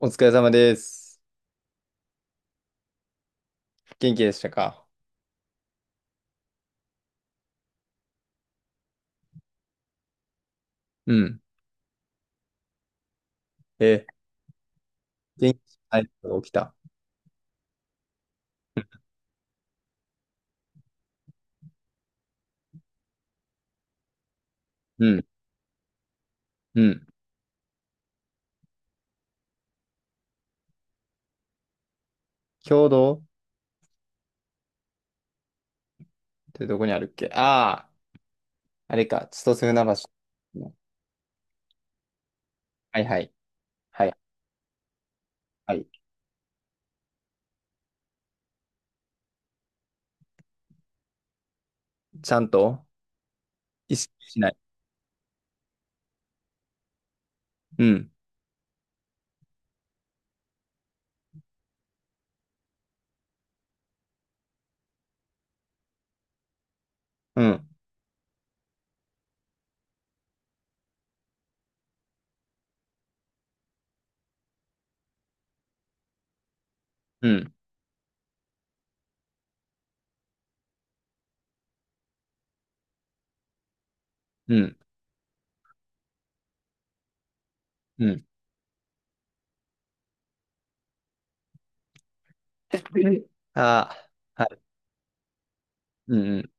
お疲れ様です。元気でしたか？うん。え、元気じゃない人が起きた。うん。うん。共同ってどこにあるっけ？ああー、あれか。千歳船橋。はいはい。はい。はい。ちゃんと意識しない？うん。うん。うん。うん。うん。ああ、はい。うん。うん。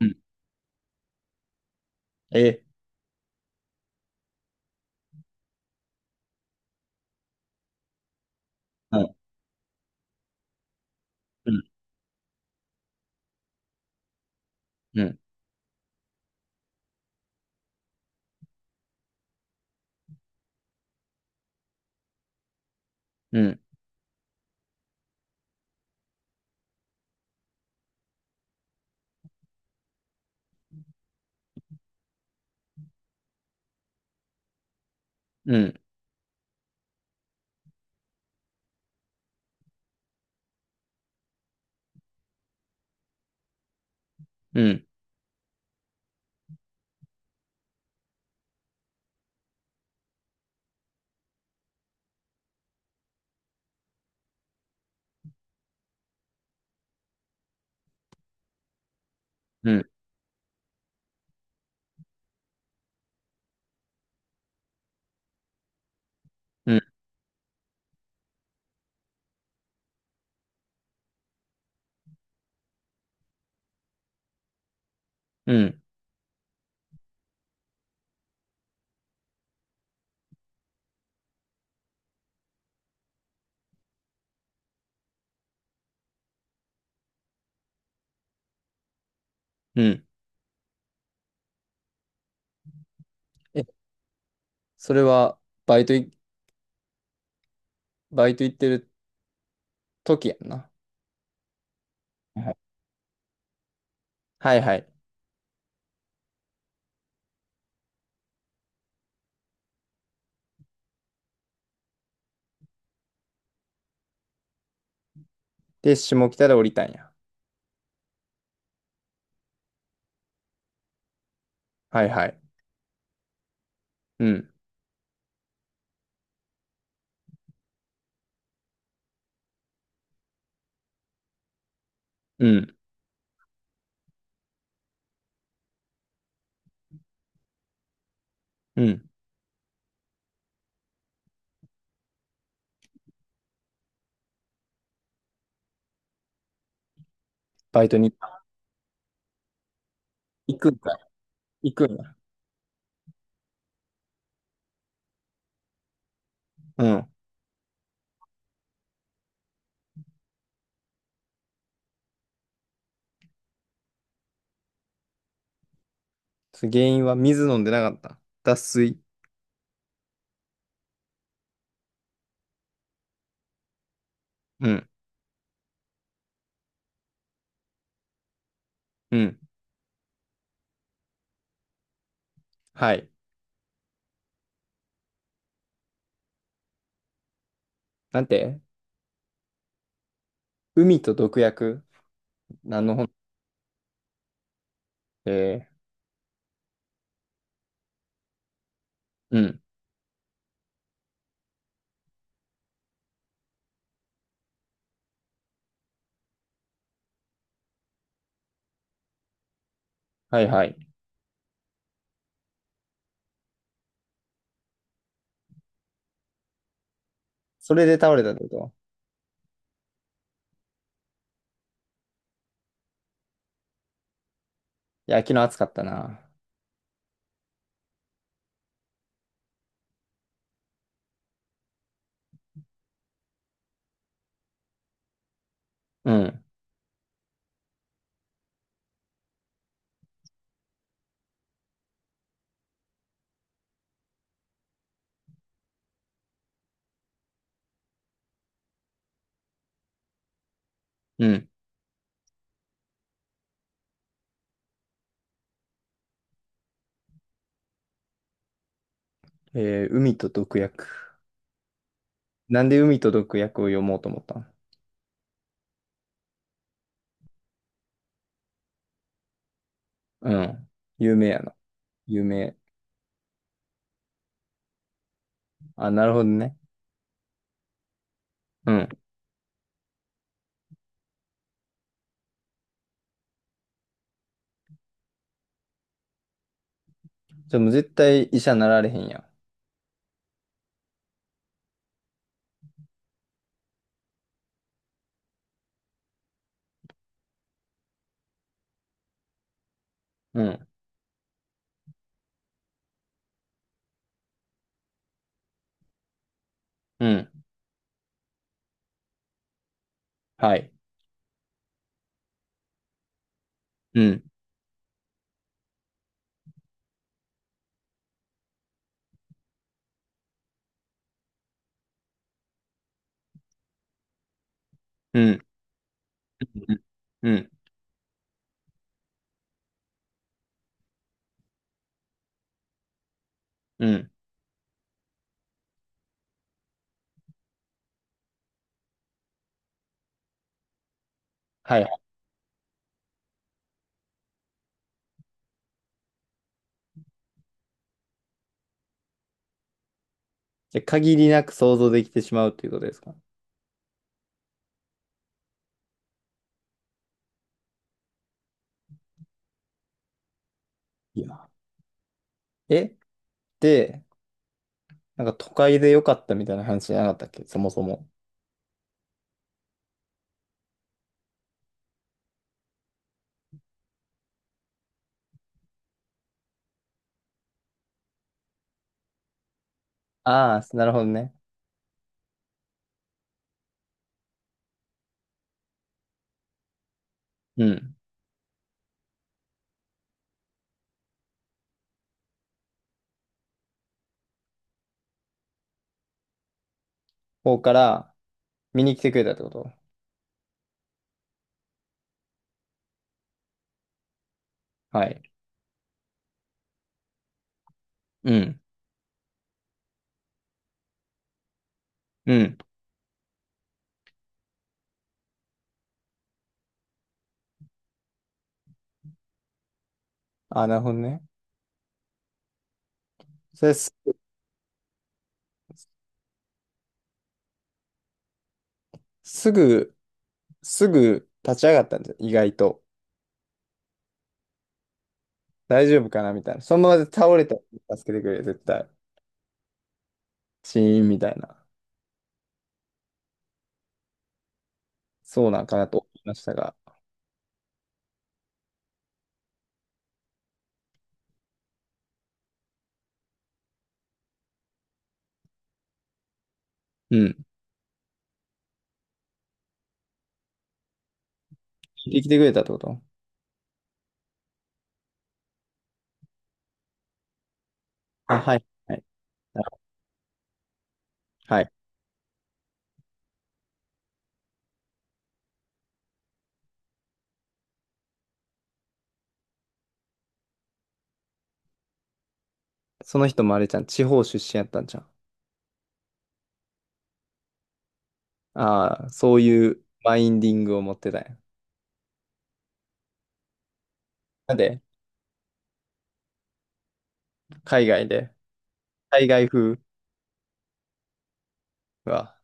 うん。え、うん。うん。うん。うん。うん。うん。うん。うん。うん。え、それは、バイトい、バイト行ってる時やんな。はいはい。で、下北で降りたんや。はいはい。うん、うん、うん。バイトに行くんかい。行くんや。うん。それ原因は水飲んでなかった？脱水。うん、うん。はい。なんて？海と毒薬？何の本？えー、うん。はいはい。それで倒れたってこと？いや、昨日暑かったな。うん、うん。えー、海と毒薬。なんで海と毒薬を読もうと思ったん？うん。有名やな。有名。あ、なるほどね。うん。じゃあもう絶対医者なられへんやん。うん。うん。はい。うん。うん。うん。うん。うん。はい。じゃあ限りなく想像できてしまうということですか？いや、え、で、なんか都会で良かったみたいな話じゃなかったっけそもそも。ああ、なるほどね。うん。方から見に来てくれたってこと？はい。うん。うん。ああ、なるほどね。それす、すぐ、すぐ立ち上がったんじゃ、意外と。大丈夫かなみたいな。そのままで倒れたら助けてくれ、絶対。シーンみたいな。そうなんかなと思いましたが。うん。聞いてきてくれたってこと？あ、はい。はい。はい。その人もあれじゃん。地方出身やったんじゃん。ああ、そういうマインディングを持ってたんや。なんで、海外で。海外風は。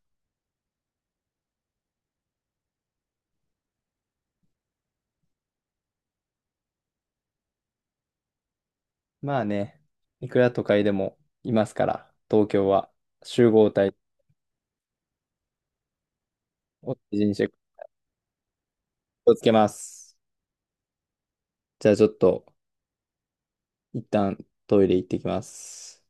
まあね、いくら都会でもいますから、東京は集合体を大事にして気をつけます。じゃあちょっと、一旦トイレ行ってきます。